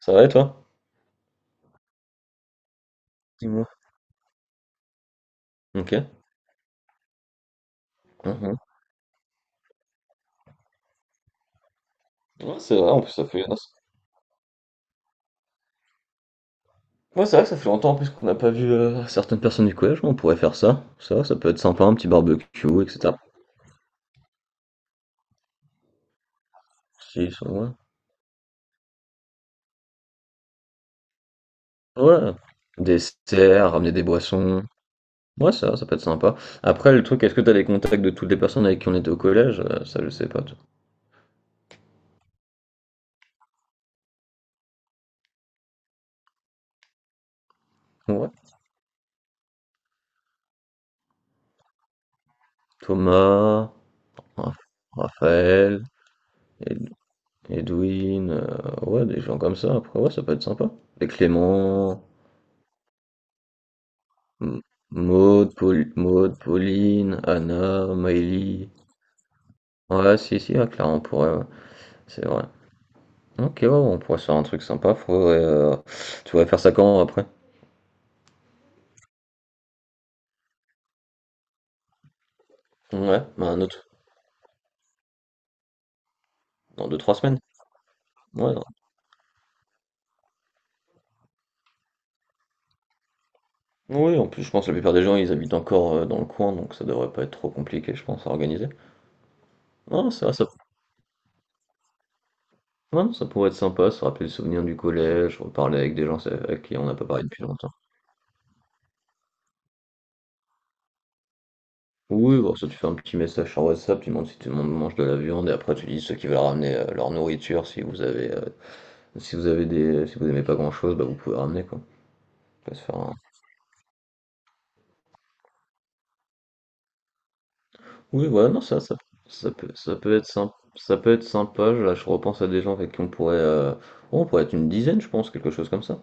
Ça va et toi? Dis-moi. OK. Mhm. Ouais, c'est vrai, en plus ça fait ah ouais, c'est vrai que ça fait longtemps en plus qu'on n'a pas vu, certaines personnes du collège, on pourrait faire ça. Ça peut être sympa, un petit barbecue et cetera. Si, ça ouais. Ouais, dessert, ramener des boissons. Ouais, ça ça peut être sympa. Après le truc, est-ce que t'as les contacts de toutes les personnes avec qui on était au collège? Ça je sais pas, toi. Ouais. Thomas, Raph Raphaël, Ed Edwin, ouais des gens comme ça après, ouais ça peut être sympa. Et Clément. M- Maud, Pauline, Anna, Maëlie. Ouais, si, si, à Clara, on pourrait, ouais. C'est vrai. Ok, ouais, on pourrait se faire un truc sympa. Faudrait. Tu voudrais faire ça quand après? Ouais, bah, un autre. Dans deux trois semaines. Ouais, non. Oui, en plus, je pense que la plupart des gens, ils habitent encore dans le coin, donc ça devrait pas être trop compliqué, je pense, à organiser. Non, c'est vrai, ça, ouais, non, ça pourrait être sympa, se rappeler les souvenirs du collège, reparler avec des gens avec qui on n'a pas parlé depuis longtemps. Oui, bon, ça, tu fais un petit message sur WhatsApp, tu demandes si tout le monde mange de la viande, et après, tu dis ceux qui veulent ramener leur nourriture. Si vous avez, si vous avez des, si vous aimez pas grand-chose, bah, vous pouvez ramener, quoi. On peut se faire un- Oui, voilà, non, ça, ça peut être sympa, ça peut être sympa, là, je repense à des gens avec qui on pourrait être une dizaine, je pense, quelque chose comme ça.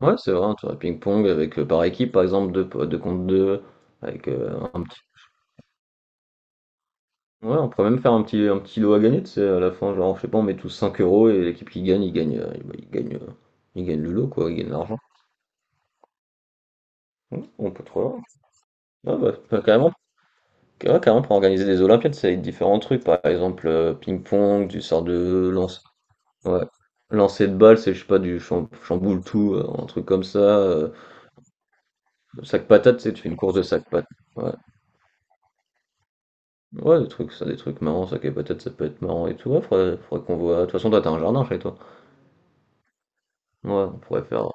Ouais, c'est vrai, un tour à ping-pong avec, par équipe, par exemple, deux, deux contre deux, avec un petit Ouais, on pourrait même faire un petit, lot à gagner, tu sais, à la fin, genre, je sais pas, on met tous 5 € et l'équipe qui gagne, il bah, il gagne le lot, quoi, il gagne l'argent. Ouais, on peut trop voir. Ah bah, bah, carrément, ouais, carrément, pour organiser des Olympiades, ça va être différents trucs, par exemple, ping-pong, du sort de lance, ouais, lancer de balle, c'est, je sais pas, du chamboule tout, un truc comme ça, sac patate, tu sais, tu fais une course de sac patate. Ouais, ouais, des trucs, ça, des trucs marrants, sac à patate, ça peut être marrant et tout, ouais, faudrait qu'on voit. De toute façon, toi, t'as un jardin chez toi. Ouais, on pourrait faire,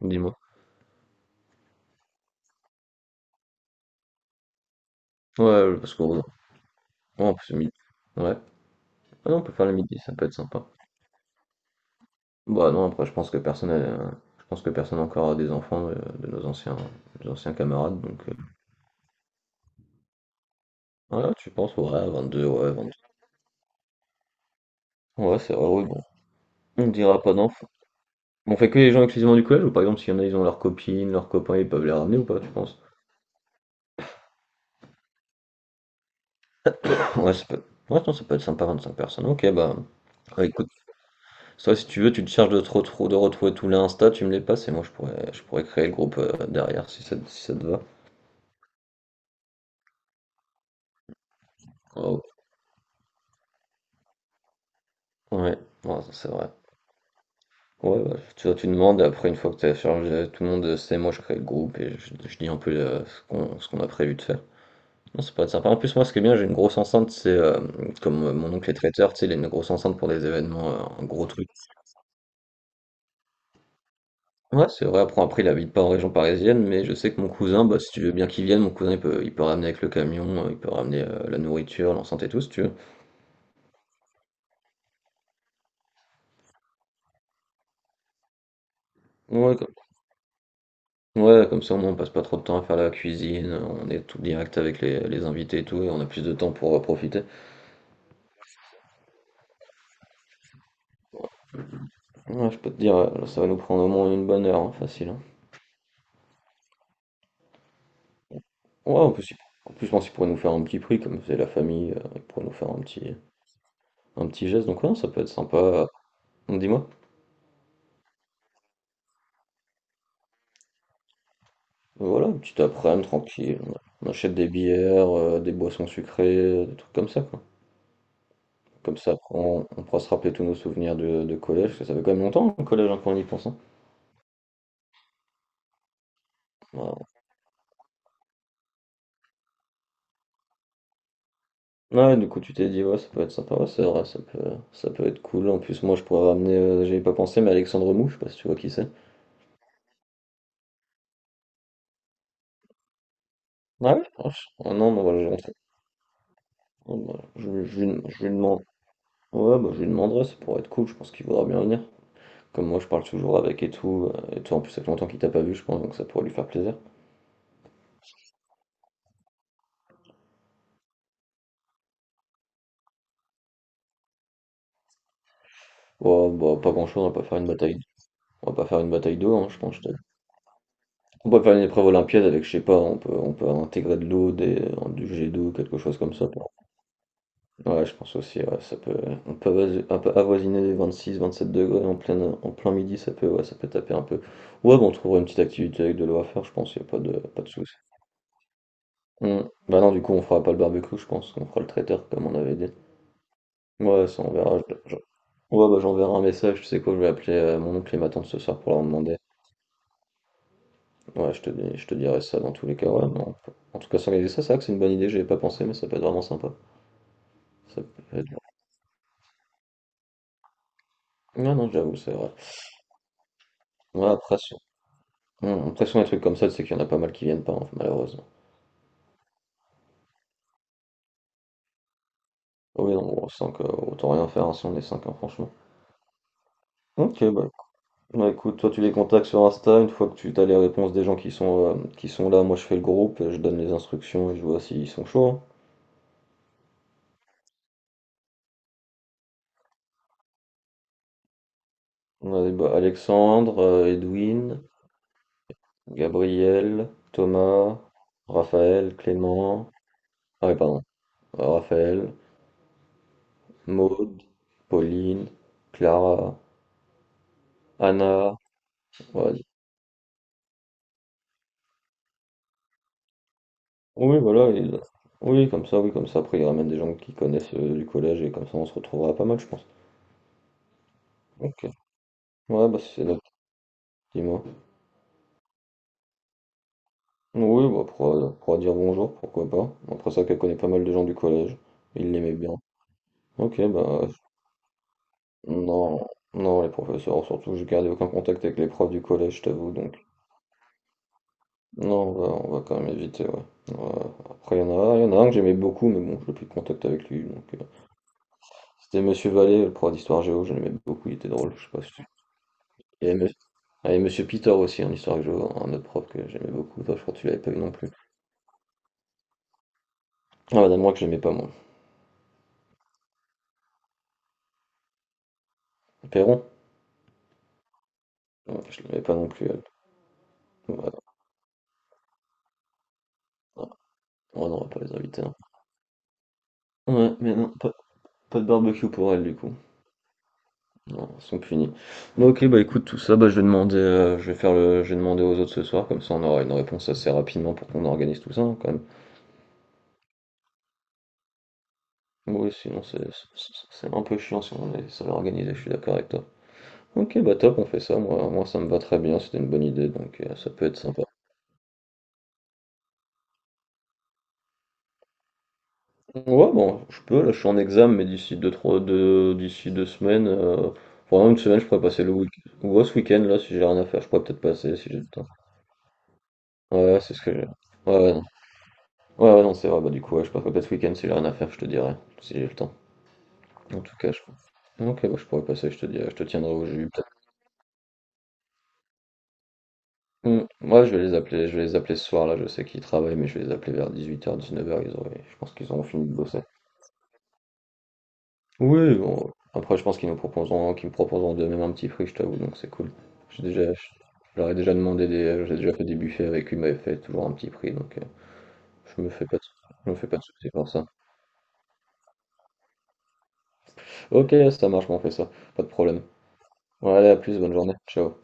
dis-moi. Ouais, parce qu'on ouais, en plus, midi. Ouais. Ah non, on peut faire le midi, ça peut être sympa. Bah non, après, je pense que je pense que personne encore a des enfants de, nos anciens camarades, donc… Ouais, tu penses, ouais, 22 ouais, vingt deux Ouais, c'est vrai, ouais, bon. On dira pas d'enfants. On fait que les gens exclusivement du collège, ou par exemple, s'il y en a, ils ont leurs copines, leurs copains, ils peuvent les ramener ou pas, tu penses? Ouais, ça peut être, ouais, non, ça peut être sympa, 25 personnes. Ok, bah, ouais, écoute, toi, si tu veux, tu te charges de, de retrouver tous les Insta, tu me les passes, et moi, je pourrais créer le groupe derrière, si ça, si ça te va. Oh. Ouais, non, ça, c'est vrai. Ouais, bah, tu vois, tu demandes, et après, une fois que tu as chargé, tout le monde sait, moi je crée le groupe et je dis un peu ce qu'on a prévu de faire. Non, c'est pas sympa. En plus, moi, ce qui est bien, j'ai une grosse enceinte, c'est comme mon oncle est traiteur, tu sais, il a une grosse enceinte pour des événements, un gros truc. Ouais, c'est vrai, après, il habite pas en région parisienne, mais je sais que mon cousin, bah, si tu veux bien qu'il vienne, mon cousin, il peut ramener avec le camion, il peut ramener la nourriture, l'enceinte et tout, si tu veux. Ouais, ouais, comme ça au moins on passe pas trop de temps à faire la cuisine, on est tout direct avec les invités et tout, et on a plus de temps pour profiter. Ouais, je peux te dire, ça va nous prendre au moins une bonne heure, hein, facile, hein. Ouais, en plus, en plus, je pense qu'ils pourraient nous faire un petit prix, comme c'est la famille, ils pourraient nous faire un petit geste, donc ouais, ça peut être sympa. Dis-moi. Voilà, un petit après-midi tranquille, on achète des bières, des boissons sucrées, des trucs comme ça, quoi. Comme ça, après, on pourra se rappeler tous nos souvenirs de, collège, parce que ça fait quand même longtemps, le collège, hein, quand on y pense, hein. Ouais, ouais, du coup, tu t'es dit, ouais, ça peut être sympa, ouais, c'est vrai, ça peut être cool. En plus, moi, je pourrais ramener, j'y pas pensé, mais Alexandre Mou, je sais pas si tu vois qui c'est. Ouais, ah, ah non, mais voilà, oh, bah, lui je lui demande. Ouais, bah, je lui demanderai, ça pourrait être cool, je pense qu'il voudra bien venir. Comme moi, je parle toujours avec et tout, et toi, en plus, ça fait longtemps qu'il t'a pas vu, je pense, donc ça pourrait lui faire plaisir. Ouais, bah, pas grand-chose, on va pas faire une bataille, on va pas faire une bataille d'eau, hein, je pense, je t'avoue. On peut faire une épreuve olympiade avec, je sais pas, on peut intégrer de l'eau, des, du jet d'eau, quelque chose comme ça. Ouais, je pense aussi, ouais, ça peut, on peut un peu avoisiner les 26-27 degrés en plein midi, ça peut, ouais, ça peut taper un peu. Ouais, bon, on trouvera une petite activité avec de l'eau à faire, je pense, il n'y a pas de souci. Hmm. Bah non, du coup, on fera pas le barbecue, je pense, on fera le traiteur comme on avait dit. Ouais, ça on verra. Ouais, bah j'enverrai un message, tu sais quoi, je vais appeler mon oncle et ma tante ce soir pour leur demander. Ouais, je te dirai ça dans tous les cas, ouais, mais on peut- En tout cas, s'organiser ça, c'est vrai que c'est une bonne idée, j'y avais pas pensé, mais ça peut être vraiment sympa. Ça peut être- Ouais, non, j'avoue, c'est vrai. Ouais, après, Mmh, de toute façon, les trucs comme ça, c'est qu'il y en a pas mal qui viennent pas, hein, malheureusement. Oui, non, on sent que autant rien faire hein, si on est 5, franchement. Ok, bah, écoute, toi tu les contacts sur Insta, une fois que tu as les réponses des gens qui sont là, moi je fais le groupe, je donne les instructions et je vois s'ils sont chauds, hein. On a bah, Alexandre, Edwin, Gabriel, Thomas, Raphaël, Clément, ah oui, pardon, Raphaël, Maude, Pauline, Clara, Anna, ouais, Oui, voilà, oui, comme ça, oui, comme ça. Après, il ramène des gens qui connaissent du collège et comme ça, on se retrouvera pas mal, je pense. Ok. Ouais, bah c'est notre dis-moi. Oui, bah pourra dire bonjour, pourquoi pas. Après ça, qu'elle connaît pas mal de gens du collège. Il l'aimait bien. Ok, bah non, non, les professeurs, surtout, j'ai gardé aucun contact avec les profs du collège, je t'avoue, donc. Non, on va quand même éviter, ouais. Ouais, après, il y en a un que j'aimais beaucoup, mais bon, je n'ai plus de contact avec lui, donc. C'était Monsieur Vallée, le prof d'histoire géo, je l'aimais beaucoup, il était drôle, je sais pas si Il y avait, M- il y avait Monsieur Pitor aussi en histoire que je, un autre prof que j'aimais beaucoup. Toi, je crois que tu l'avais pas eu non plus. Ah, Madame Roy, que je l'aimais pas moi. Perron? Ouais, je l'aimais pas non plus, elle. Ouais, ouais, non, on n'aura pas les invités, hein. Ouais, mais non, pas de barbecue pour elle du coup. Non, ils sont punis. Bon, ok, bah écoute, tout ça, bah je vais demander, je vais faire le, je vais demander aux autres ce soir, comme ça on aura une réponse assez rapidement pour qu'on organise tout ça, hein, quand même. Oui, sinon c'est c'est un peu chiant si on est seul à organiser, je suis d'accord avec toi. Ok, bah top, on fait ça, moi ça me va très bien, c'était une bonne idée, donc ça peut être sympa. Ouais, bon, je peux, là, je suis en examen, mais d'ici deux semaines, vraiment une semaine, je pourrais passer le week-end. Ouais, ce week-end, là, si j'ai rien à faire, je pourrais peut-être passer si j'ai le temps. Ouais, c'est ce que j'ai. Ouais, ouais, non. Ouais, ouais, non, c'est vrai, bah du coup, ouais, je passerai peut-être ce week-end si j'ai rien à faire, je te dirai, si j'ai le temps. En tout cas, je Ok, bah, je pourrais passer, je te dirai, je te tiendrai au jus, peut-être. Hmm, Ouais, je vais les appeler ce soir, là, je sais qu'ils travaillent, mais je vais les appeler vers 18h 19h ils auraient, je pense qu'ils auront fini de bosser. Oui, bon, après je pense qu'ils nous proposeront, qu'ils me proposeront de même un petit prix, je t'avoue, donc c'est cool. J'ai déjà, je leur ai déjà demandé des, j'ai déjà fait des buffets avec eux, ils m'avaient fait toujours un petit prix, donc je me fais pas de, je me fais pas de soucis pour ça. Ok, ça marche, bon, on fait ça, pas de problème. Ouais, allez, à plus, bonne journée, ciao.